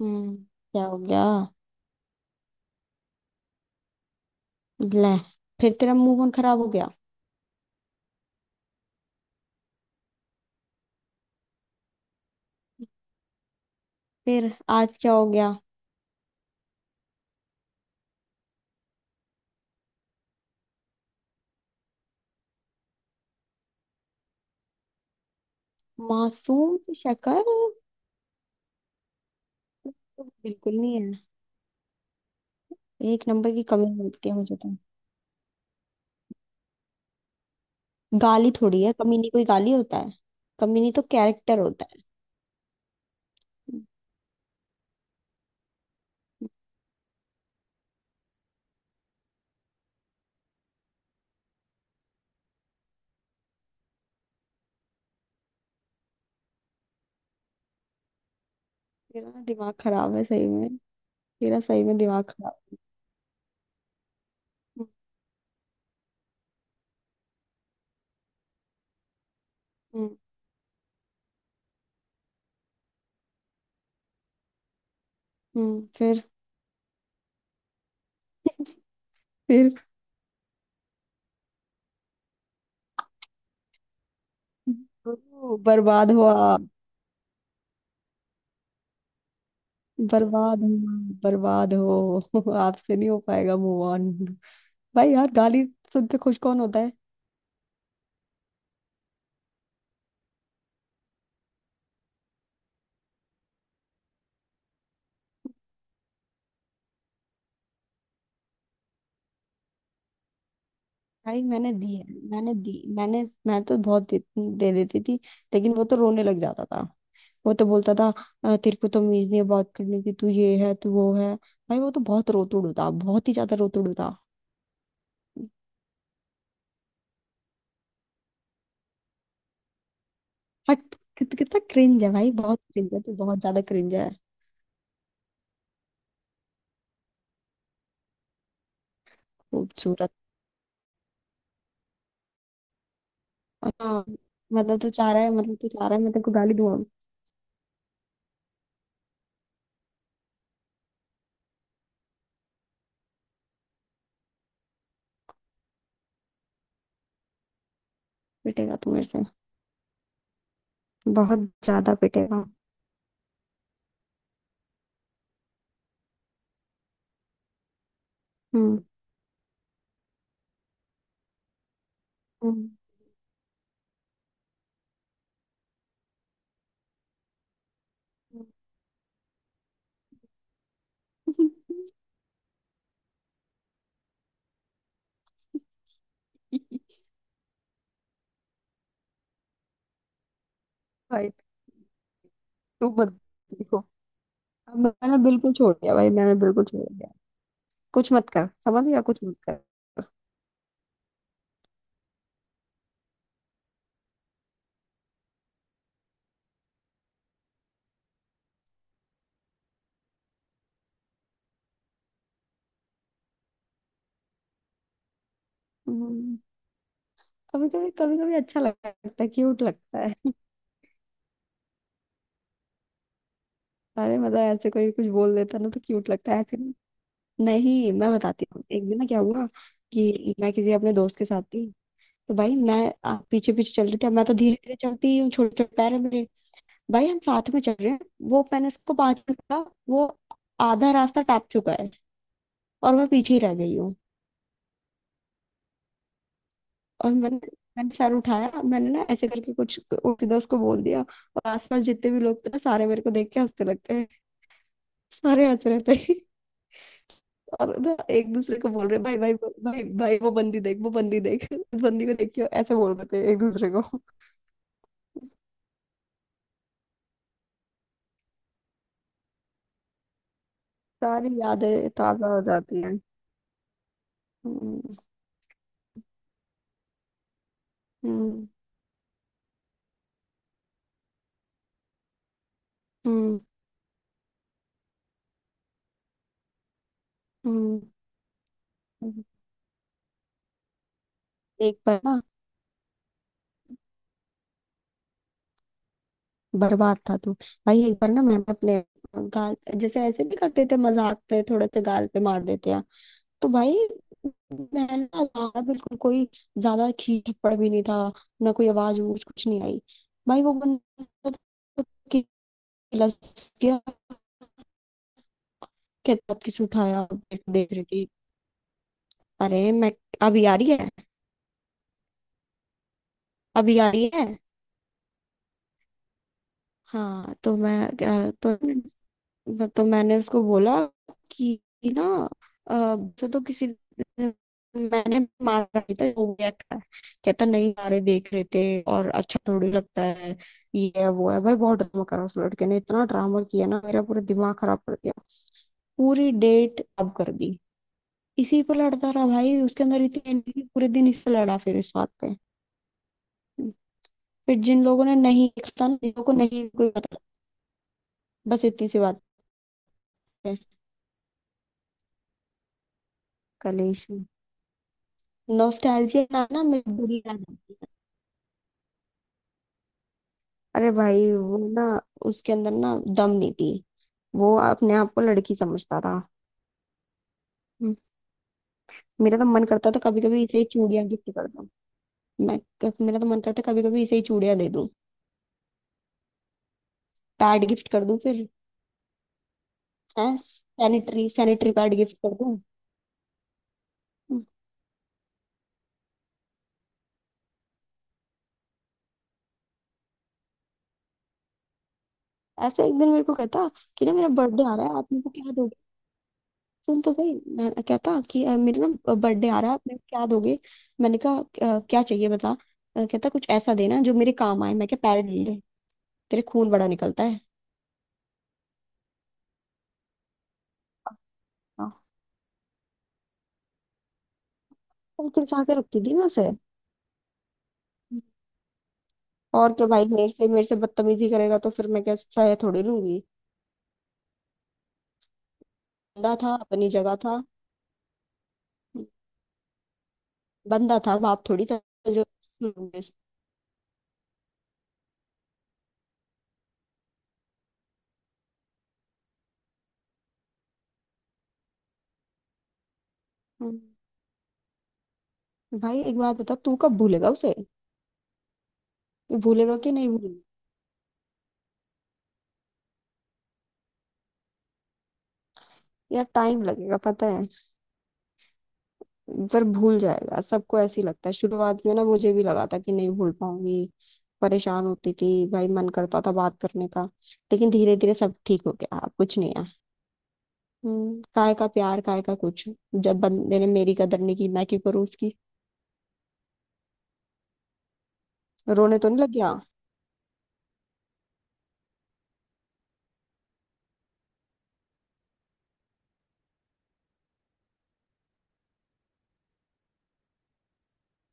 हम्म। क्या हो गया? ले, फिर तेरा मुंह कौन खराब हो गया? फिर आज क्या हो गया? मासूम सी शक्ल? बिल्कुल नहीं है। एक नंबर की कमी मिलती है मुझे तो। गाली थोड़ी है, कमी। नहीं, कोई गाली होता है? कमी नहीं तो कैरेक्टर होता है। तेरा ना दिमाग खराब है सही में। तेरा सही में दिमाग खराब। हम्म। हम्म। फिर? फिर? ओ, बर्बाद हुआ। बर्बाद हुआ। बर्बाद हो आपसे नहीं हो पाएगा मूव ऑन। भाई यार गाली सुनते खुश कौन होता है? भाई मैंने दी है। मैंने दी मैंने मैं तो बहुत दे देती थी। लेकिन वो तो रोने लग जाता था। वो तो बोलता था, "अ, तेरे को तमीज नहीं है बात करने की, तू ये है तू वो है।" भाई वो तो बहुत रोतुड़ था, बहुत ही ज्यादा रोतुड़ था। हाँ। कितना क्रिंज है भाई, बहुत क्रिंज है तो, बहुत ज्यादा क्रिंज है। खूबसूरत। हाँ, मतलब तू चाह रहा है, मैं तेरे को गाली दूंगा। पिटेगा तू मेरे से, बहुत ज्यादा पिटेगा। हम्म। हम्म। भाई तू मत। देखो, अब मैंने बिल्कुल छोड़ दिया, भाई मैंने बिल्कुल छोड़ दिया। कुछ मत कर, समझ गया? कुछ मत कर। हम्म, कभी कभी कभी कभी अच्छा लगता है, क्यूट लगता है। अरे मतलब ऐसे कोई कुछ बोल देता ना तो क्यूट लगता है, ऐसे नहीं। नहीं, मैं बताती हूँ, एक दिन ना क्या हुआ कि मैं किसी अपने दोस्त के साथ थी। तो भाई मैं पीछे पीछे चल रही थी। अब मैं तो धीरे धीरे चलती ही हूँ, छोटे छोटे पैर है मेरे। भाई हम साथ में चल रहे हैं। वो मैंने उसको 5 मिनट का, वो आधा रास्ता टाप चुका है और मैं पीछे ही रह गई। और मैंने मैंने चार उठाया, मैंने ना ऐसे करके कुछ सीधा उसको बोल दिया, और आसपास जितने भी लोग थे ना, सारे मेरे को देख के हंसने लगते हैं। सारे हंस रहे थे। और ना एक दूसरे को बोल रहे, भाई भाई भाई भाई, वो बंदी देख इस बंदी को देखियो, ऐसे बोल रहे थे एक दूसरे को। सारी यादें ताजा हो जाती हैं। हम्म। हम्म। हम्म। हम्म, हम्म। एक बार ना बर्बाद था तू। भाई एक बार ना मैंने अपने गाल, जैसे ऐसे भी करते थे मजाक पे, थोड़ा सा गाल पे मार देते हैं, तो भाई मैं ना ज्यादा बिल्कुल कोई ज्यादा खींच थप्पड़ भी नहीं था। ना कोई आवाज वूज कुछ नहीं आई। भाई वो बंदा तो किला किया। कहता, आप किसे उठाया देख देख रही थी? अरे मैं अभी आ रही है। अभी आ रही है। हाँ तो मैं मैंने उसको बोला कि कि ना अ, से तो किसी मैंने मारा नहीं था, वो रिएक्ट है। कहता, नहीं सारे देख रहे थे और अच्छा थोड़ी लगता है, ये है वो है। भाई बहुत ड्रामा करा उस लड़के ने, इतना ड्रामा किया ना मेरा पूरा दिमाग खराब कर दिया, पूरी डेट खराब कर दी। इसी पर लड़ता रहा भाई, उसके अंदर इतनी एनर्जी, पूरे दिन इससे लड़ा फिर इस बात पे। फिर जिन लोगों ने नहीं देखा था ना, जिन लोगों को नहीं कोई पता। बस इतनी सी बात है। कलेश। नॉस्टैल्जिया, ना ना मिड। अरे भाई वो ना, उसके अंदर ना दम नहीं थी, वो अपने आप को लड़की समझता था। हम्म, मेरा तो मन करता था कभी कभी इसे ही चूड़ियां गिफ्ट कर दूं। मैं, मेरा तो मन करता कभी कभी इसे ही चूड़ियां दे दूं। पैड गिफ्ट कर दूं फिर। हैं, सैनिटरी सैनिटरी पैड गिफ्ट कर दूं। हम्म, ऐसे एक दिन मेरे को कहता कि ना मेरा बर्थडे आ रहा है, आप मेरे को क्या दोगे। सुन तो सही, मैं कहता कि मेरे ना बर्थडे आ रहा है, मैं क्या दोगे। मैंने कहा, क्या चाहिए बता।" कहता, कुछ ऐसा देना जो मेरे काम आए। मैं क्या पैरेट ले ले? तेरे खून बड़ा निकलता है। हाँ। तो खिलसा के रखती थी मैं उसे। और क्या भाई, मेरे से बदतमीजी करेगा तो फिर मैं क्या सह थोड़ी लूंगी। बंदा था अपनी जगह था। बंदा था, बाप थोड़ी था। जो। हम्म। भाई एक बात बता, तू कब भूलेगा उसे? तू भूलेगा कि नहीं भूलेगा? यार टाइम लगेगा पता है, पर भूल जाएगा। सबको ऐसे ही लगता है शुरुआत में, ना मुझे भी लगा था कि नहीं भूल पाऊंगी। परेशान होती थी भाई, मन करता था बात करने का। लेकिन धीरे धीरे सब ठीक हो गया, अब कुछ नहीं है। काय का प्यार काय का कुछ। जब बंदे ने मेरी कदर नहीं की, मैं क्यों करूँ उसकी। रोने तो नहीं लग गया?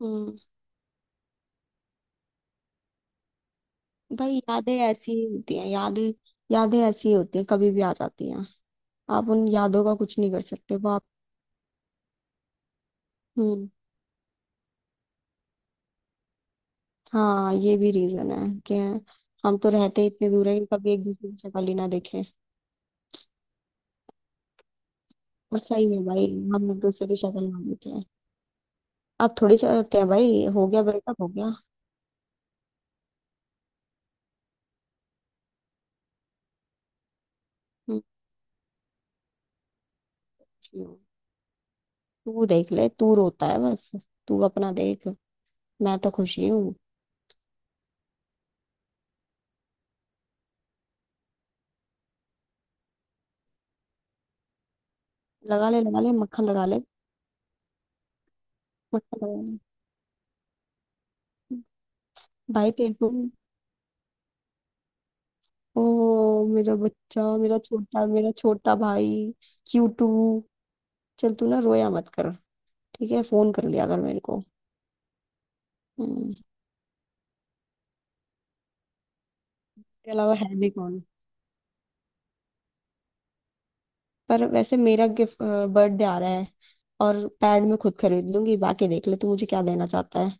हम्म। भाई यादें ऐसी ही होती हैं। यादें, यादें ऐसी ही होती हैं, कभी भी आ जाती हैं। आप उन यादों का कुछ नहीं कर सकते, वो आप। हम्म। हाँ, ये भी रीजन है कि हम तो रहते इतने दूर है कि कभी एक दूसरे की शक्ल ही ना देखें। बस सही है भाई, हम एक दूसरे की शक्ल मान लेते हैं। अब थोड़ी चाहते हैं भाई, हो गया ब्रेकअप हो गया। हम्म, क्यों? तू देख ले, तू रोता है बस। तू अपना देख, मैं तो खुश ही हूँ। लगा ले मक्खन लगा ले। मक्खन लगा ले। भाई तेरे को, ओ मेरा बच्चा, मेरा छोटा भाई, क्यूटू। चल, तू ना रोया मत कर, ठीक है। फोन कर लिया कर मेरे को। हम्म, इसके अलावा है भी कौन। पर वैसे, मेरा गिफ्ट, बर्थडे आ रहा है, और पैड मैं खुद खरीद लूंगी, बाकी देख ले तू मुझे क्या देना चाहता है।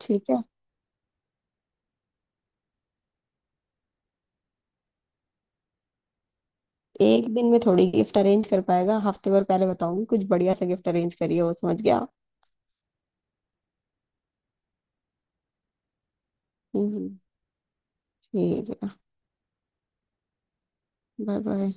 ठीक है। एक दिन में थोड़ी गिफ्ट अरेंज कर पाएगा, हफ्ते भर पहले बताऊंगी, कुछ बढ़िया सा गिफ्ट अरेंज करिए, वो समझ गया? हम्म, ठीक है। Bye bye.